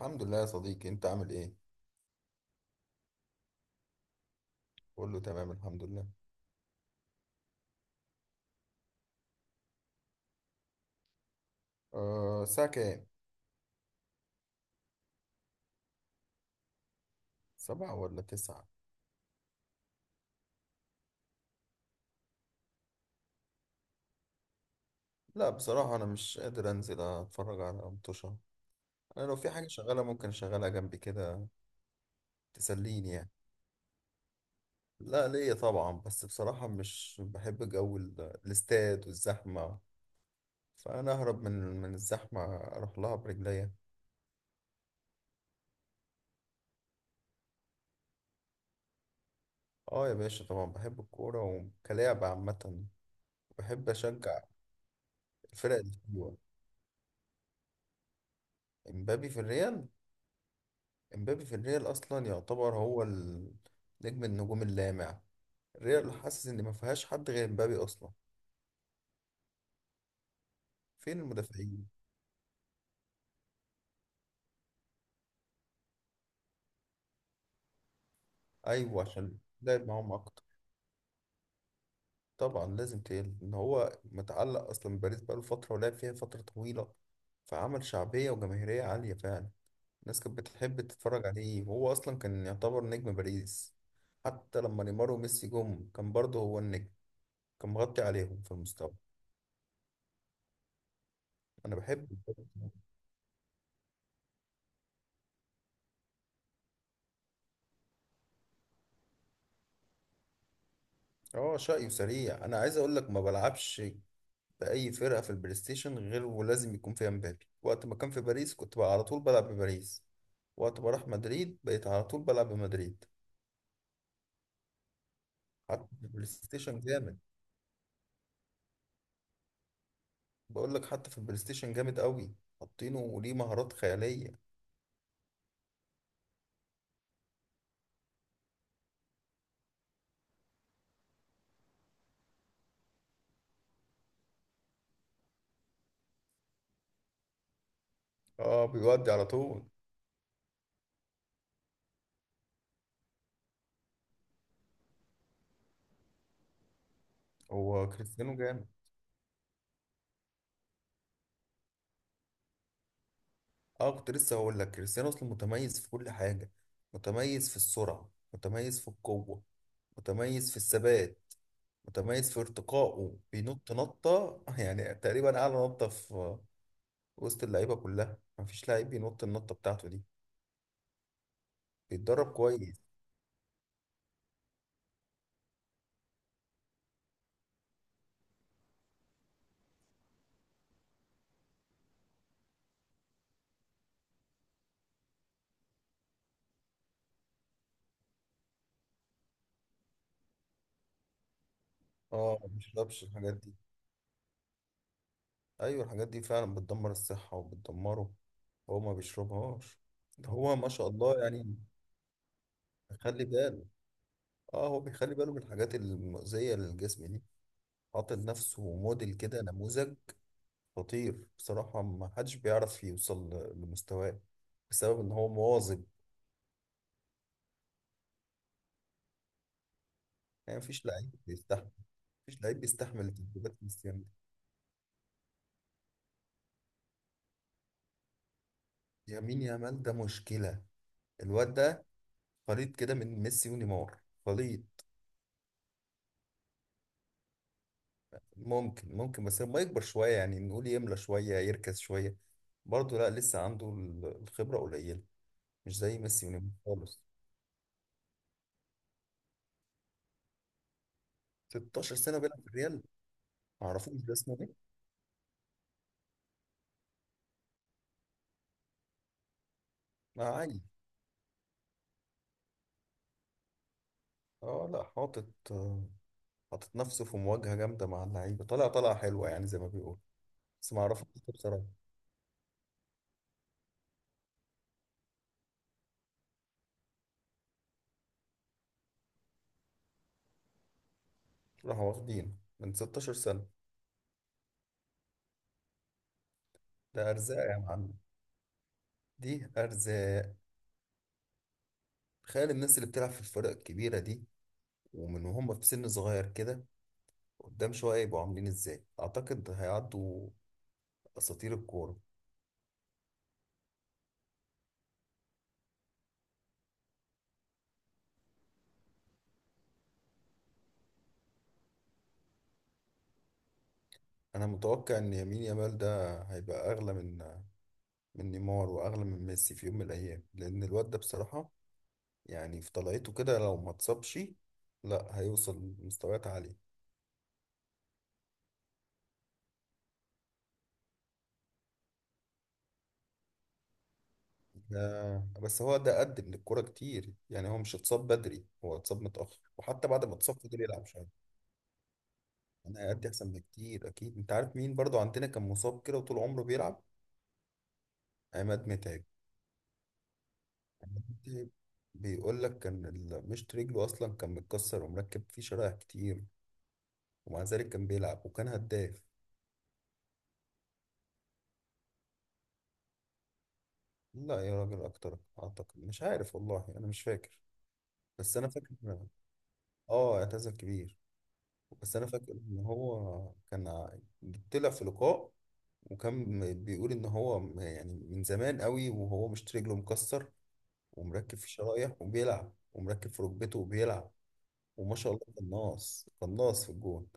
الحمد لله يا صديقي، انت عامل ايه؟ قول له تمام الحمد لله. أه، الساعة كام؟ سبعة ولا تسعة؟ لا بصراحة انا مش قادر انزل اتفرج على مطوشة. انا لو في حاجة شغالة ممكن اشغلها جنبي كده، تسليني يعني. لا ليا طبعا، بس بصراحة مش بحب جو الاستاد والزحمة، فانا اهرب من الزحمة اروح لها برجليا. اه يا باشا، طبعا بحب الكورة وكلاعب عامة، بحب اشجع. الفرق اللي حلوة. امبابي في الريال امبابي في الريال اصلا يعتبر هو نجم النجوم اللامع. الريال حاسس ان ما فيهاش حد غير امبابي اصلا. فين المدافعين؟ ايوه، عشان لعب معاهم اكتر. طبعا لازم تقل، ان هو متعلق اصلا بباريس، بقاله فتره ولعب فيها فتره طويله، فعمل شعبيه وجماهيريه عاليه فعلا. الناس كانت بتحب تتفرج عليه، وهو اصلا كان يعتبر نجم باريس. حتى لما نيمار وميسي جم كان برضه هو النجم، كان مغطي عليهم في المستوى. انا بحبه. اه شقي وسريع. انا عايز اقول لك ما بلعبش باي فرقه في البلاي ستيشن غير ولازم يكون فيها مبابي. وقت ما كان في باريس كنت بقى على طول بلعب بباريس، وقت ما راح مدريد بقيت على طول بلعب بمدريد. حتى في البلاي ستيشن جامد. بقول لك حتى في البلاي ستيشن جامد قوي، حاطينه وليه مهارات خياليه. اه بيودي على طول. هو كريستيانو جامد. اه كنت لسه هقول لك، كريستيانو اصلا متميز في كل حاجه، متميز في السرعه، متميز في القوه، متميز في الثبات، متميز في ارتقائه، بينط نطة يعني تقريبا أعلى نطة في وسط اللعيبة كلها. مفيش لعيب بينط النطة بتاعته دي. بيتدرب كويس. اه ما بيشربش الحاجات دي. أيوة الحاجات دي فعلا بتدمر الصحة وبتدمره، هو ما بيشربهاش. ده هو ما شاء الله يعني. بيخلي باله. اه هو بيخلي باله من الحاجات المؤذية للجسم دي. حاطط لنفسه موديل كده، نموذج خطير بصراحة. ما حدش بيعرف يوصل لمستواه، بسبب إن هو مواظب. يعني مفيش لعيب بيستحمل، تدريبات كريستيانو دي. يمين يامال ده مشكلة. الواد ده خليط كده من ميسي ونيمار، خليط. ممكن ممكن بس لما يكبر شوية، يعني نقول يملى شوية، يركز شوية. برضه لا لسه عنده الخبرة قليلة، مش زي ميسي ونيمار خالص. 16 سنة بيلعب في الريال. معرفوش ده اسمه ايه. ما عادي. اه لا حاطط، حاطط نفسه في مواجهة جامدة مع اللعيبة، طالع طالعة حلوة يعني زي ما بيقول. بس معرفوش بصراحة. راحوا واخدين من 16 سنة. ده أرزاق يا معلم، دي أرزاق. تخيل الناس اللي بتلعب في الفرق الكبيرة دي، ومن وهم في سن صغير كده، قدام شوية يبقوا عاملين ازاي. أعتقد هيعدوا أساطير الكورة. أنا متوقع إن يمين يامال ده هيبقى أغلى من نيمار وأغلى من ميسي في يوم من الأيام، لأن الواد ده بصراحة يعني في طلعته كده لو ما اتصابش، لا هيوصل لمستويات عالية. ده بس هو ده قدم للكورة كتير، يعني هو مش اتصاب بدري، هو اتصاب متأخر وحتى بعد ما اتصاب فضل يلعب شوية. انا هيأدي احسن بكتير اكيد. انت عارف مين برضو عندنا كان مصاب كده وطول عمره بيلعب؟ عماد متعب. متعب بيقول لك كان مشط رجله اصلا كان متكسر ومركب فيه شرايح كتير، ومع ذلك كان بيلعب وكان هداف. لا يا راجل اكتر اعتقد، مش عارف والله انا مش فاكر. بس انا فاكر، اه اعتزل كبير. بس انا فاكر ان هو كان طلع في لقاء وكان بيقول ان هو يعني من زمان قوي وهو مشط رجله مكسر ومركب في شرايح وبيلعب، ومركب في ركبته وبيلعب. وما شاء الله قناص، قناص في الجون.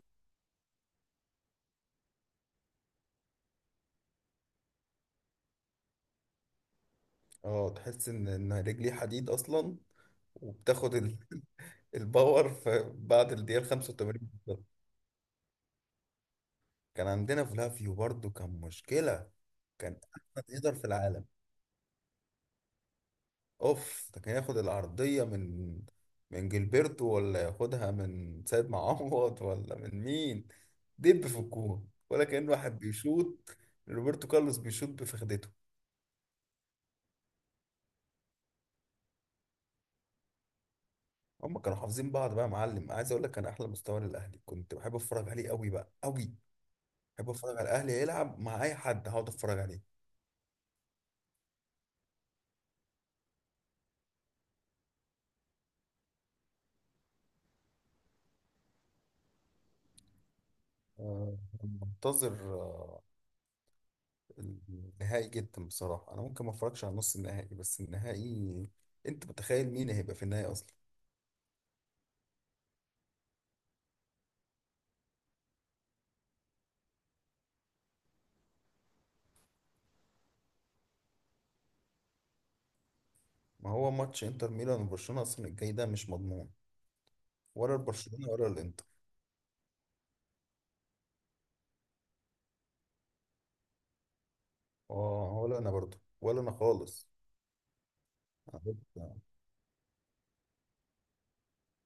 اه تحس ان رجليه حديد اصلا، وبتاخد ال... الباور في بعد الدقيقة 85. بالظبط. كان عندنا فلافيو برضو كان مشكلة، كان احسن هيدر في العالم. اوف ده كان ياخد العرضية من جilberto، ولا ياخدها من سيد معوض، ولا من مين، دب في الجون ولا كأن واحد بيشوط روبرتو كارلوس بيشوط بفخدته. هم كانوا حافظين بعض بقى يا معلم. عايز اقول لك كان احلى مستوى للاهلي، كنت بحب اتفرج عليه قوي بقى، قوي. بحب اتفرج على الاهلي يلعب مع اي حد، هقعد اتفرج عليه. آه، منتظر آه، النهائي جدا بصراحه. انا ممكن ما اتفرجش على نص النهائي، بس النهائي. انت متخيل مين هيبقى في النهائي اصلا؟ ما هو ماتش انتر ميلان وبرشلونه اصلا الجاي ده مش مضمون، ولا البرشلونه ولا الانتر. اه ولا انا برضو، ولا انا خالص. أنا قلت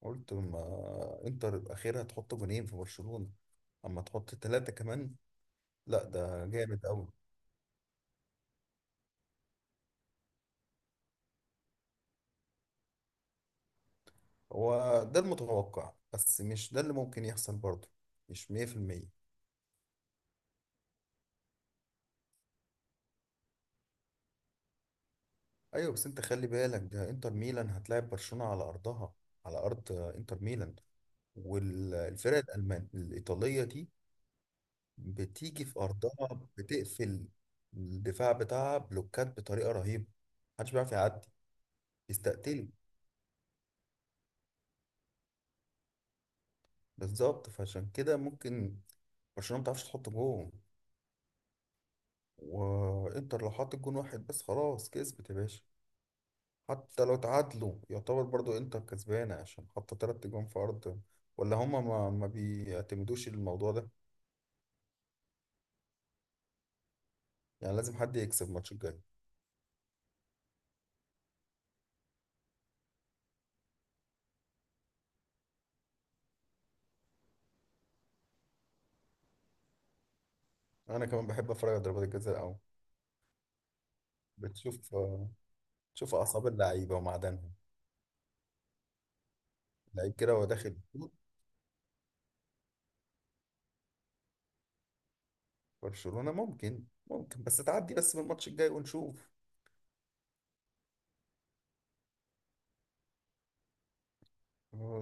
قلت ما انتر اخيرا هتحط جونين في برشلونه، اما تحط ثلاثه كمان، لا ده جامد قوي. هو ده المتوقع، بس مش ده اللي ممكن يحصل برضه، مش 100%. ايوه بس انت خلي بالك، ده انتر ميلان هتلاعب برشلونة على ارضها، على ارض انتر ميلان. والفرق الالمان الايطالية دي بتيجي في ارضها، بتقفل الدفاع بتاعها بلوكات بطريقة رهيبة، محدش بيعرف يعدي، يستقتلوا. بالظبط، فعشان كده ممكن برشلونة ما بتعرفش تحط جون. وانتر لو حط جون واحد بس خلاص كسبت يا باشا. حتى لو تعادلوا يعتبر برضو انتر كسبانة، عشان حاطة تلات جون في أرض. ولا هما ما بيعتمدوش الموضوع ده. يعني لازم حد يكسب الماتش الجاي. أنا كمان بحب أتفرج على ضربات الجزاء أوي. بتشوف تشوف أعصاب اللعيبة ومعدنهم. لعيب كده وهو داخل يشوط، برشلونة ممكن، ممكن بس تعدي بس بالماتش الجاي ونشوف.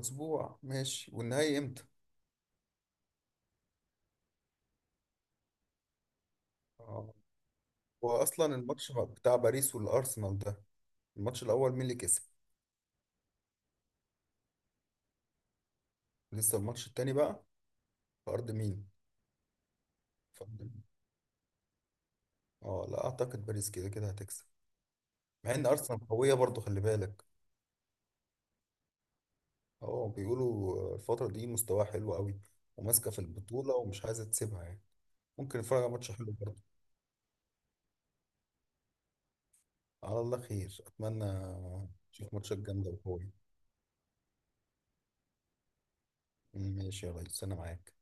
أسبوع ماشي، والنهائي إمتى؟ آه، وأصلا الماتش بتاع باريس والأرسنال ده، الماتش الأول مين اللي كسب؟ لسه الماتش التاني بقى، في أرض مين؟ اتفضل. اه لا اعتقد باريس كده كده هتكسب. مع ان ارسنال قويه برضو خلي بالك. اه بيقولوا الفتره دي مستواها حلو قوي، وماسكه في البطوله ومش عايزه تسيبها يعني. ممكن نتفرج على ماتش حلو برضو. على الله خير، اتمنى نشوف ماتشات جامده وقويه. ماشي يا ريس انا معاك.